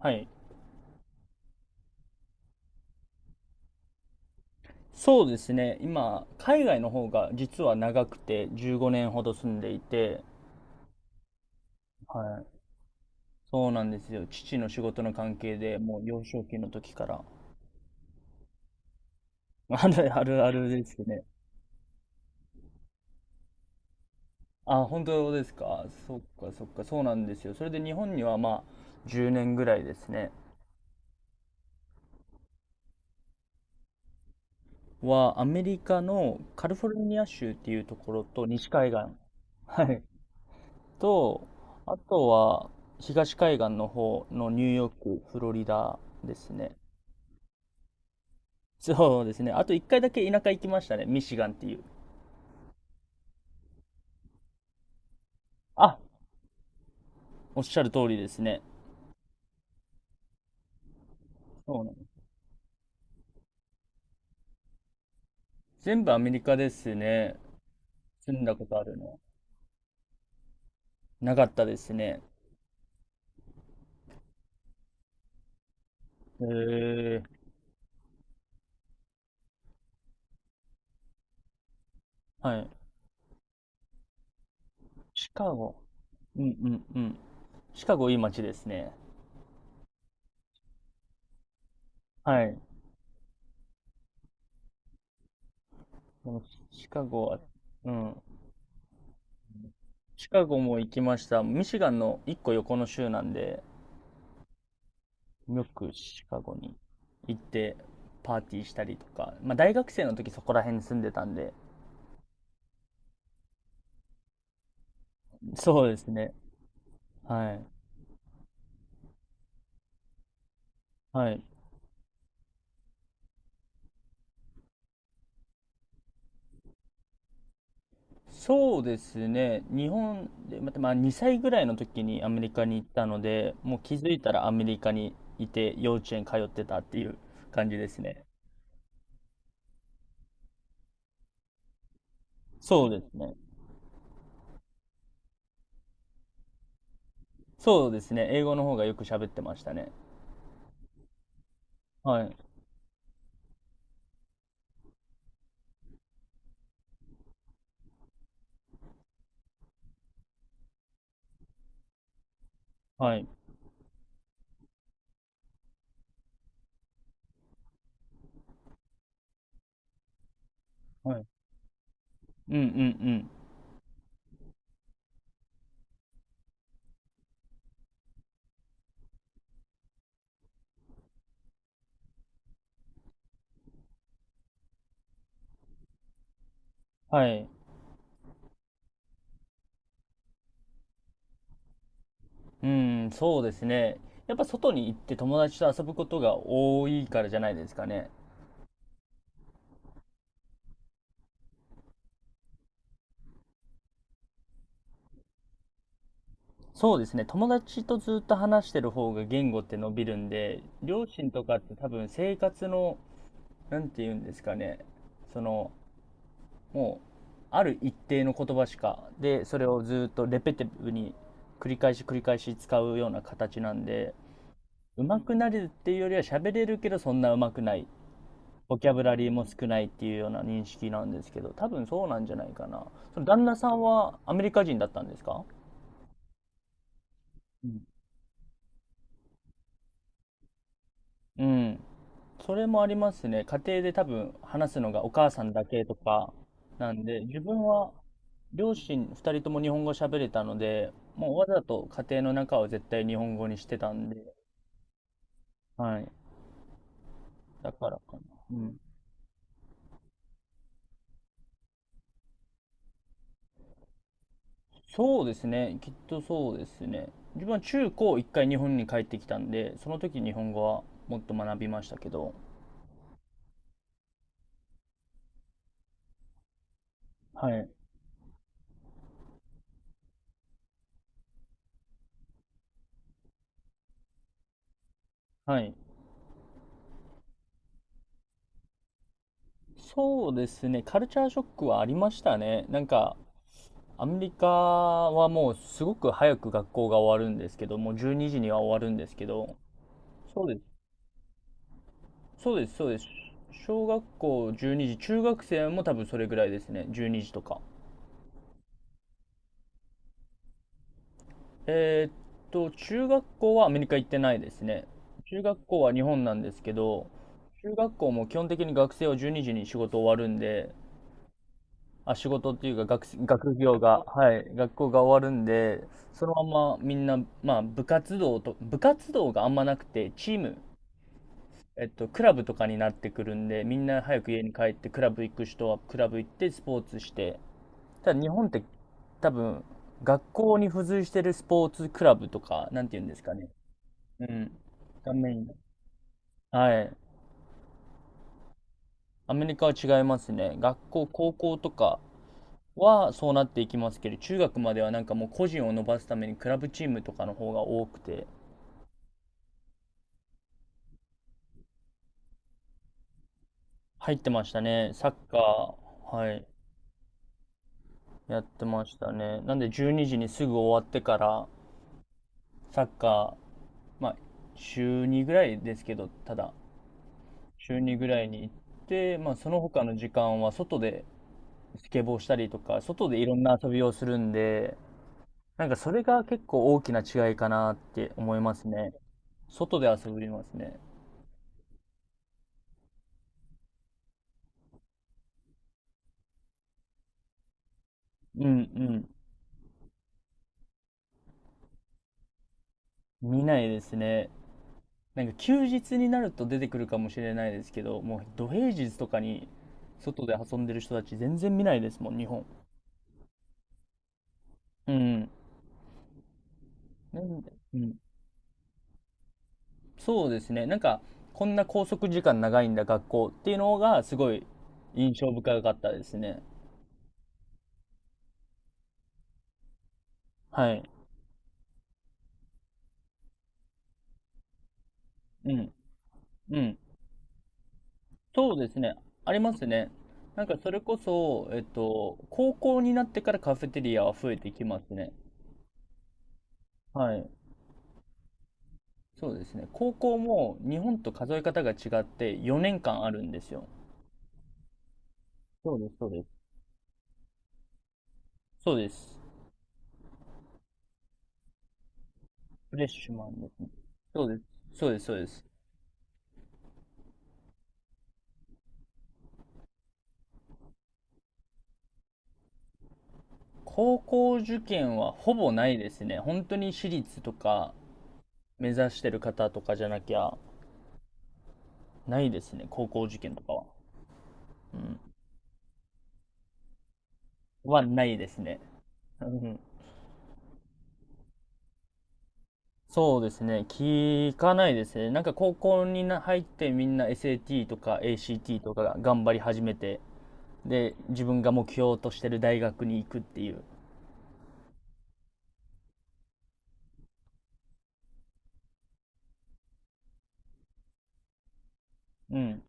はい。そうですね。今、海外の方が実は長くて15年ほど住んでいて、はい。そうなんですよ。父の仕事の関係でもう幼少期の時から。あるあるあるですね。あ、本当ですか。そっかそっか。そうなんですよ。それで日本にはまあ10年ぐらいですね。はアメリカのカリフォルニア州っていうところと西海岸。はい。と、あとは東海岸の方のニューヨーク、フロリダですね。そうですね。あと一回だけ田舎行きましたね。ミシガンっていう。あ、おっしゃる通りですね。そうなんです。全部アメリカですね。住んだことあるの。なかったですね。へえ。はい。シカゴ。うんうんうん。シカゴいい街ですね。はい。でもシカゴは、うん。シカゴも行きました。ミシガンの一個横の州なんで、よくシカゴに行ってパーティーしたりとか、まあ大学生の時そこら辺に住んでたんで、そうですね。はい。はい。そうですね。日本で、また、まあ、2歳ぐらいの時にアメリカに行ったので、もう気づいたらアメリカにいて、幼稚園通ってたっていう感じですね。そうですね。そうですね。英語の方がよく喋ってましたね。はい。はい。はい。うんうんうん。はい。うん、そうですね。やっぱ外に行って友達と遊ぶことが多いからじゃないですかね。そうですね。友達とずっと話してる方が言語って伸びるんで、両親とかって多分生活の、なんて言うんですかね。その、もう、ある一定の言葉しか、で、それをずっとレペティブに繰り返し繰り返し使うような形なんで、上手くなれるっていうよりは喋れるけどそんな上手くない。ボキャブラリーも少ないっていうような認識なんですけど、多分そうなんじゃないかな。その旦那さんはアメリカ人だったんですか？うんうん。それもありますね。家庭で多分話すのがお母さんだけとかなんで、自分は両親2人とも日本語喋れたので、もうわざと家庭の中を絶対日本語にしてたんで、はい。だからかな。うん。そうですね。きっとそうですね。自分は中高一回日本に帰ってきたんで、その時日本語はもっと学びましたけど、はい。はい。そうですね。カルチャーショックはありましたね。なんか、アメリカはもうすごく早く学校が終わるんですけど、もう12時にじには終わるんですけど、そうです。そうです、そうです。小学校12時、中学生も多分それぐらいですね。12時とか。えーっ中学校はアメリカ行ってないですね。中学校は日本なんですけど、中学校も基本的に学生は12時にじに仕事終わるんで、あ、仕事っていうか学業が、はい、学校が終わるんで、そのままみんな、まあ、部活動があんまなくて、チーム、クラブとかになってくるんで、みんな早く家に帰って、クラブ行く人はクラブ行って、スポーツして、ただ日本って多分、学校に付随してるスポーツクラブとか、なんて言うんですかね。うん。がメイン。はい。アメリカは違いますね。学校、高校とか、はそうなっていきますけど、中学まではなんかもう個人を伸ばすためにクラブチームとかの方が多くて、入ってましたね。サッカー、はい、やってましたね。なんで12時にじにすぐ終わってから、サッカー、まあ、週2ぐらいですけど、ただ、週2ぐらいに行って、まあ、その他の時間は外でスケボーしたりとか、外でいろんな遊びをするんで、なんかそれが結構大きな違いかなって思いますね。外で遊びますね。うんうん。見ないですね。なんか休日になると出てくるかもしれないですけど、もう土平日とかに外で遊んでる人たち全然見ないですもん、日本。うん。なんで、うん。そうですね。なんか、こんな拘束時間長いんだ、学校っていうのがすごい印象深かったですね。はい。うん。うん。そうですね。ありますね。なんかそれこそ、高校になってからカフェテリアは増えてきますね。はい。そうですね。高校も日本と数え方が違って4年間あるんですよ。そうです、そうです。そうです。フレッシュマンですね。そうです。そうです、そうです。高校受験はほぼないですね。本当に私立とか目指してる方とかじゃなきゃないですね。高校受験とかは。うん。はないですね。うん。そうですね。聞かないですね。なんか高校にな入ってみんな SAT とか ACT とかが頑張り始めて、で、自分が目標としてる大学に行くっていう。うん。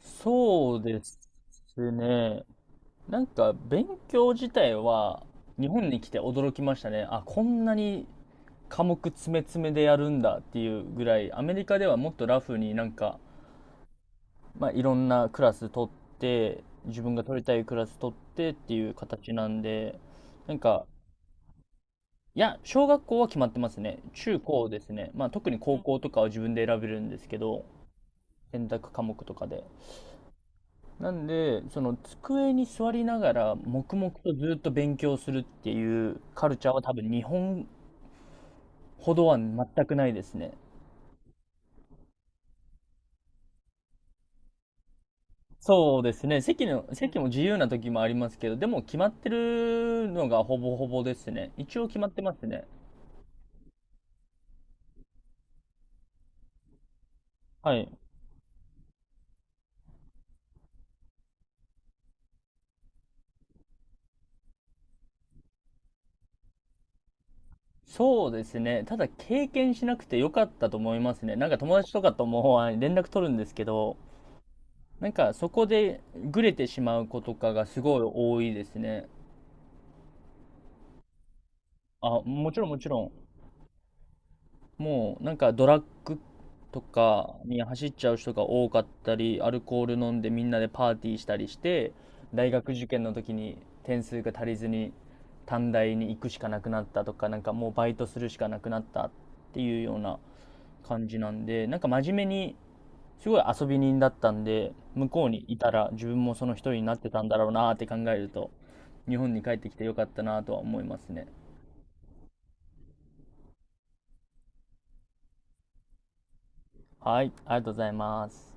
そうですね。なんか、勉強自体は、日本に来て驚きましたね。あ、こんなに科目詰め詰めでやるんだっていうぐらい、アメリカではもっとラフになんか、まあ、いろんなクラス取って、自分が取りたいクラス取ってっていう形なんで、なんか、いや、小学校は決まってますね。中高ですね。まあ、特に高校とかは自分で選べるんですけど、選択科目とかで。なんで、その机に座りながら黙々とずっと勉強するっていうカルチャーは多分日本ほどは全くないですね。そうですね。席も自由な時もありますけど、でも決まってるのがほぼほぼですね。一応決まってますね。はい。そうですね。ただ経験しなくてよかったと思いますね。なんか友達とかともあ連絡取るんですけど、なんかそこでぐれてしまう子とかがすごい多いですね。あ、もちろんもちろん。もうなんかドラッグとかに走っちゃう人が多かったり、アルコール飲んでみんなでパーティーしたりして、大学受験の時に点数が足りずに短大に行くしかなくなったとか、なんかもうバイトするしかなくなったっていうような感じなんで、なんか真面目にすごい遊び人だったんで、向こうにいたら自分もその一人になってたんだろうなーって考えると、日本に帰ってきてよかったなとは思いますね。はい、ありがとうございます。